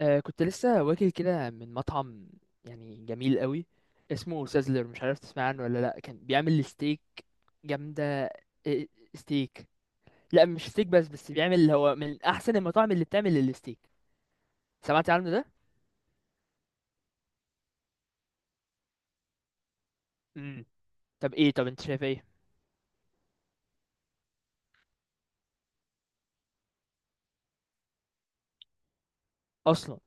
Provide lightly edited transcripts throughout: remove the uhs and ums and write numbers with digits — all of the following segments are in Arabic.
كنت لسه واكل كده من مطعم، يعني جميل قوي. اسمه سازلر. مش عارف تسمع عنه ولا لا. كان بيعمل ستيك جامدة. إيه، ستيك. لا مش ستيك بس بيعمل. هو من احسن المطاعم اللي بتعمل الستيك. سمعت عنه ده؟ امم طب انت شايف ايه؟ اصلا؟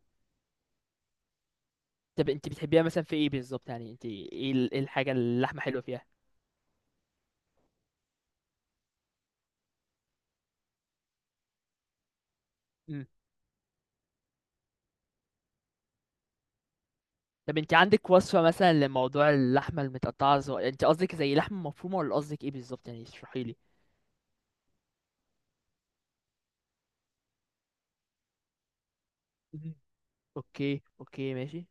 طب انت بتحبيها مثلا في ايه بالظبط؟ يعني انت ايه ال- إيه الحاجة اللي اللحمة حلوة فيها؟ امم طب انت عندك وصفة مثلا لموضوع اللحمة المتقطعة، انت قصدك زي لحمة مفرومة، ولا قصدك ايه بالظبط؟ يعني اشرحيلي. مم. اوكي، اوكي، ماشي.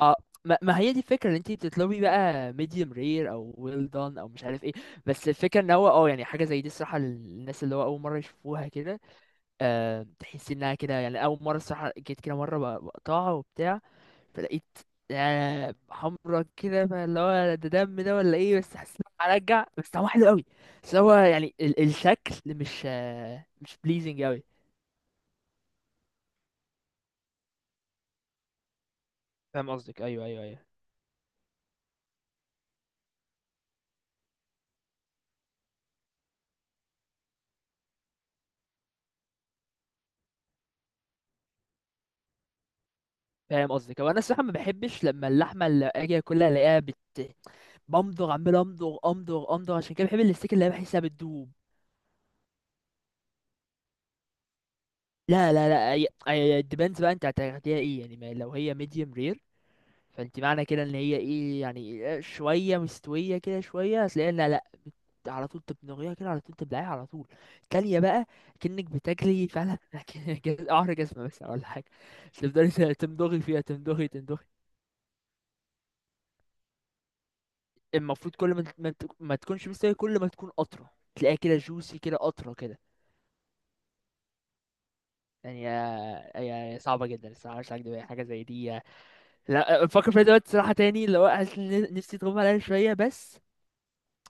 اه، ما هي دي الفكره، ان انت بتطلبي بقى medium rare او well done او مش عارف ايه. بس الفكره ان هو يعني حاجه زي دي الصراحه، للناس اللي هو اول مره يشوفوها كده. تحس انها كده، يعني اول مره الصراحه جيت كده مره بقطعها وبتاع. فلقيت حمرا كده، فاللي هو ده دم ده ولا ايه؟ بس حسيت إن أنا هرجع، بس طعمه حلو قوي. بس هو يعني الشكل مش مش pleasing قوي. فاهم قصدك، ايوه، ايوه، ايوه. فاهم قصدك. هو انا الصراحه ما بحبش لما اللحمه اللي اجي اكلها الاقيها بمضغ عمال، امضغ امضغ امضغ، عشان كده بحب الاستيك اللي بحسها بتدوب. لا، لا، لا، هي الديبندز بقى. انت هتاخديها ايه يعني؟ ما لو هي ميديوم رير، فانت معنى كده ان هي ايه يعني، شويه مستويه كده شويه. هتلاقيها لا، لا، على طول تبنغيها كده، على طول تبلعيها على طول. تانية بقى. كأنك بتاكلي فعلا قعر جزمة بس ولا حاجة. تفضلي تمضغي فيها، تمضغي تمضغي. المفروض كل ما ما تكونش مستوية، كل ما تكون قطرة تلاقيها كده جوسي كده قطرة كده. يعني يعني صعبة جدا الصراحة، مش هكدب يعني. حاجة زي دي لا بفكر فيها دلوقتي صراحة تاني، اللي هو حاسس إن نفسي تغمى عليها شوية بس.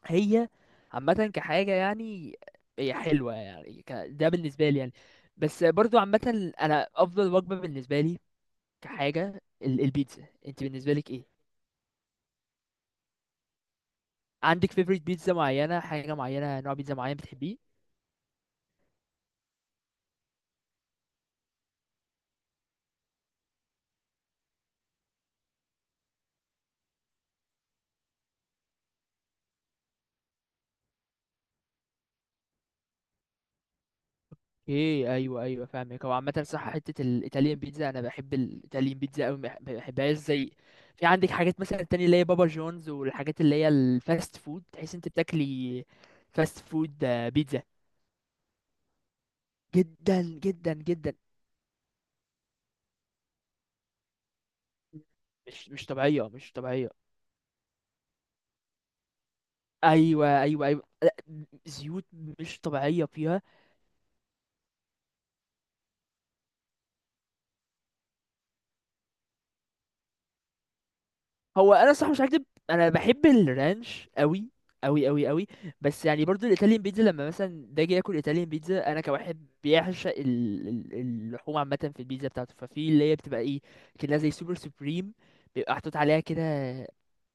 هي عامة كحاجة يعني، هي حلوة يعني، ده بالنسبة لي يعني. بس برضو عامة أنا أفضل وجبة بالنسبة لي كحاجة البيتزا. أنت بالنسبة لك إيه؟ عندك favorite بيتزا معينة، حاجة معينة، نوع بيتزا معين بتحبيه؟ ايه، ايوه، ايوه، فاهمك. هو عامه صح حته الايطاليان بيتزا، انا بحب الايطاليان بيتزا قوي، ما بحبهاش زي، في عندك حاجات مثلا تانية اللي هي بابا جونز والحاجات اللي هي الفاست فود تحس انت بتاكلي فاست فود، بيتزا. جدا جدا جدا. مش طبيعيه، مش طبيعيه. ايوه، ايوه، ايوه، لا، زيوت، مش طبيعيه فيها. هو انا صح مش هكدب، انا بحب الرانش قوي، قوي قوي قوي. بس يعني برضو الايطاليان بيتزا لما مثلا باجي اكل ايطاليان بيتزا انا كواحد بيعشق اللحوم عامه في البيتزا بتاعته، ففي اللي هي بتبقى ايه كده زي سوبر سوبريم. بيبقى محطوط عليها كده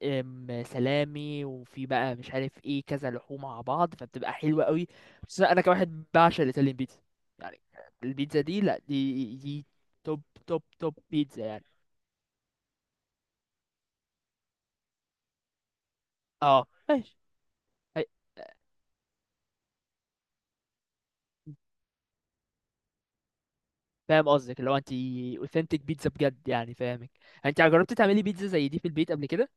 سلامي وفي بقى مش عارف ايه، كذا لحوم مع بعض، فبتبقى حلوه قوي. بس انا كواحد بعشق الايطاليان بيتزا يعني. البيتزا دي، لا، دي توب، توب توب بيتزا يعني. اه، ماشي. فاهم قصدك، اللي هو انت اوثنتيك بيتزا بجد يعني، فاهمك. انت جربت تعملي بيتزا زي دي في البيت قبل كده؟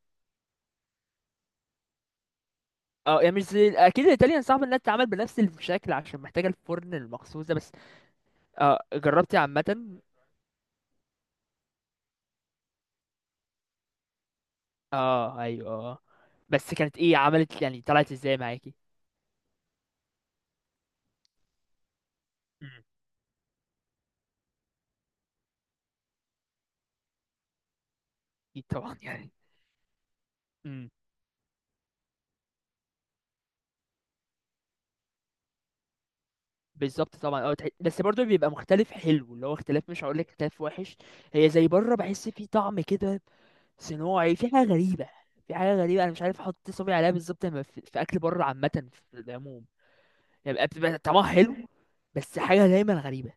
اه يعني مش زي اكيد. الايطاليان صعب انها تتعمل بنفس الشكل عشان محتاجه الفرن المخصوص ده بس. اه جربتي عامه؟ اه، ايوه، اه. بس كانت ايه عملت يعني؟ طلعت ازاي معاكي؟ امم اكيد طبعا يعني. امم بالظبط طبعا. بس برضه بيبقى مختلف حلو، اللي هو اختلاف مش هقول لك اختلاف وحش. هي زي بره بحس في طعم كده صناعي، في حاجة غريبة. في حاجة غريبة أنا مش عارف أحط صبعي عليها بالظبط لما في أكل بره عامة في العموم. يعني بتبقى طعمها حلو، بس حاجة دايما غريبة.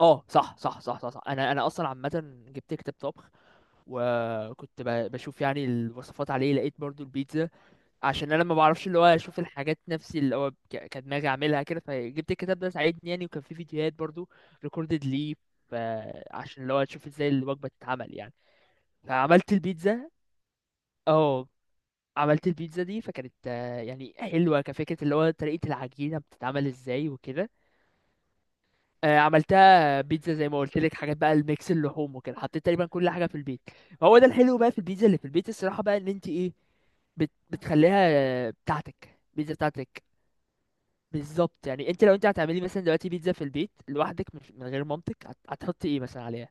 اه، صح، صح، صح، صح، صح. انا اصلا عامه جبت كتاب طبخ، وكنت بشوف يعني الوصفات عليه، لقيت برضو البيتزا. عشان انا ما بعرفش اللي هو اشوف الحاجات نفسي اللي هو كدماغي اعملها كده، فجبت الكتاب ده ساعدني يعني، وكان فيه فيديوهات برضو ريكوردد ليه. ف- عشان اللي هو اشوف ازاي الوجبه تتعمل يعني. فعملت البيتزا. اه، عملت البيتزا دي، فكانت يعني حلوة كفكرة اللي هو طريقة العجينة بتتعمل ازاي وكده. عملتها بيتزا زي ما قلت لك. حاجات بقى الميكس اللحوم وكده، حطيت تقريبا كل حاجة في البيت. هو ده الحلو بقى في البيتزا اللي في البيت الصراحة، بقى ان انت ايه، بتخليها بتاعتك، بيتزا بتاعتك. بالظبط. يعني انت لو انت هتعملي مثلا دلوقتي بيتزا في البيت لوحدك، مش من غير مامتك، هتحطي ايه مثلا عليها؟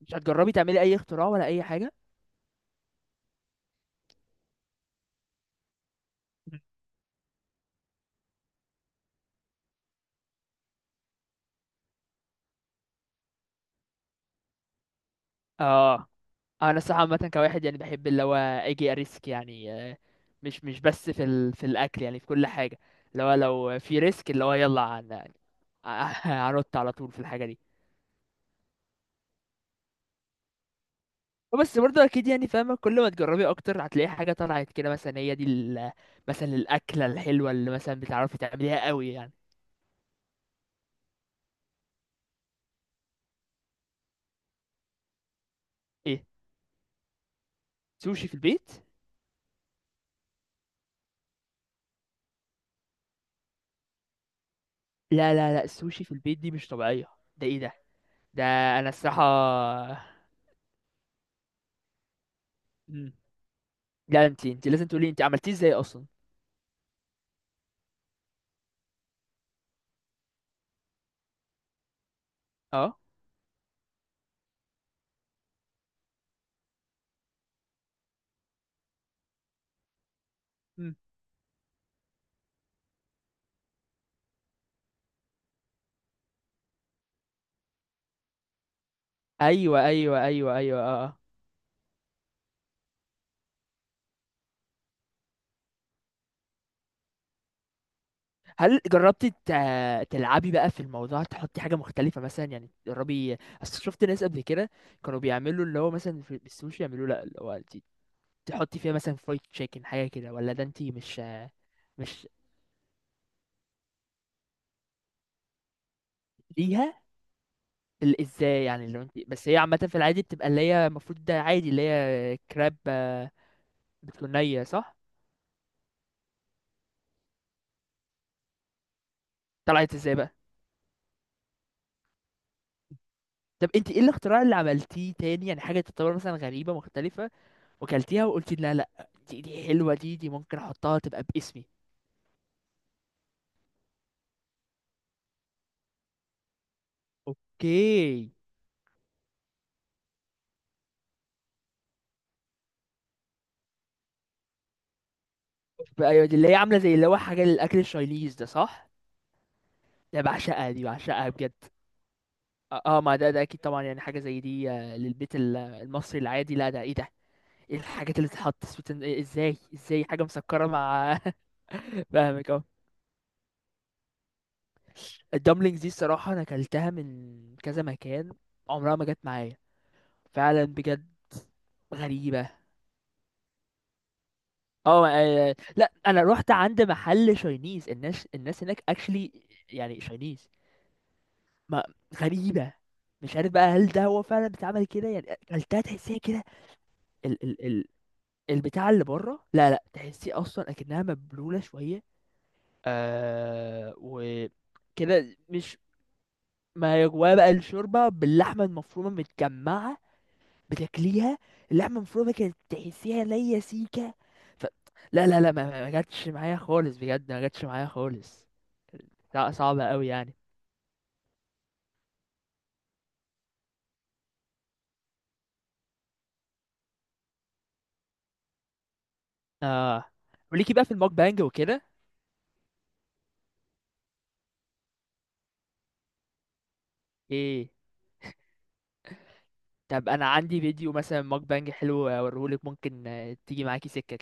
مش هتجربي تعملي اي اختراع ولا اي حاجة؟ اه انا الصراحه عامه كواحد يعني بحب اللي هو اجي اريسك يعني مش بس في في الاكل يعني، في كل حاجه. اللي هو لو في ريسك اللي هو يلا هنط على طول في الحاجه دي. بس برضه اكيد يعني فاهمه، كل ما تجربي اكتر هتلاقي حاجه طلعت كده، مثلا هي دي مثلا الاكله الحلوه اللي مثلا بتعرفي تعمليها قوي يعني؟ ايه؟ سوشي في البيت؟ لا، لا، لا، السوشي في البيت دي مش طبيعيه. ده ايه ده؟ ده انا الصراحه. مم. لا، انت لازم تقولي انت عملتيه ازاي اصلا. اه. مم. ايوه، ايوه، ايوه، ايوه، اه، آه. هل جربتي تلعبي بقى في الموضوع؟ تحطي حاجة مختلفة مثلا يعني تجربي؟ اصل شفت ناس قبل كده كانوا بيعملوا اللي هو مثلا في السوشي يعملوه، لا اللي هو انت تحطي فيها مثلا فرايد تشيكن حاجة كده، ولا ده انت مش ليها ازاي يعني؟ لو انت بس هي عامة في العادي بتبقى اللي هي المفروض ده عادي اللي هي كراب بتكون نية، صح؟ طلعت ازاي بقى؟ طب انت ايه الاختراع اللي عملتيه تاني يعني؟ حاجة تعتبر مثلا غريبة مختلفة وكلتيها وقلتي لا، لا، دي حلوة، دي ممكن احطها تبقى باسمي. اوكي. أيوة، دي اللي هي عامله زي اللي هو حاجه للاكل الشايليز، ده صح؟ ده بعشقها، دي بعشقها بجد. اه، ما ده اكيد طبعا يعني، حاجه زي دي للبيت المصري العادي، لا ده ايه ده؟ ايه الحاجات اللي تتحط سويت ازاي حاجه مسكره مع فاهمك اهو. الدمبلينجز دي الصراحه انا اكلتها من كذا مكان، عمرها ما جت معايا، فعلا بجد. غريبه. اه، لا انا رحت عند محل شاينيز، الناس هناك اكشلي يعني شاينيز. ما غريبة. مش عارف بقى هل ده هو فعلا بيتعمل كده، يعني اكلتها تحسيها كده. ال ال ال البتاع اللي بره، لا، لا، تحسيه اصلا اكنها مبلولة شوية وكده مش، ما هي جواها بقى الشوربة باللحمة المفرومة متجمعة، بتاكليها اللحمة المفرومة كانت تحسيها ليا سيكة. ف... لا، لا، لا، ما جاتش معايا خالص بجد، ما جاتش معايا خالص. لا صعبة قوي يعني. اه، وليكي بقى في الموك بانج وكده؟ ايه؟ طب انا عندي فيديو مثلا ماك بانج حلو اوريهولك، ممكن تيجي معاكي سكة كده.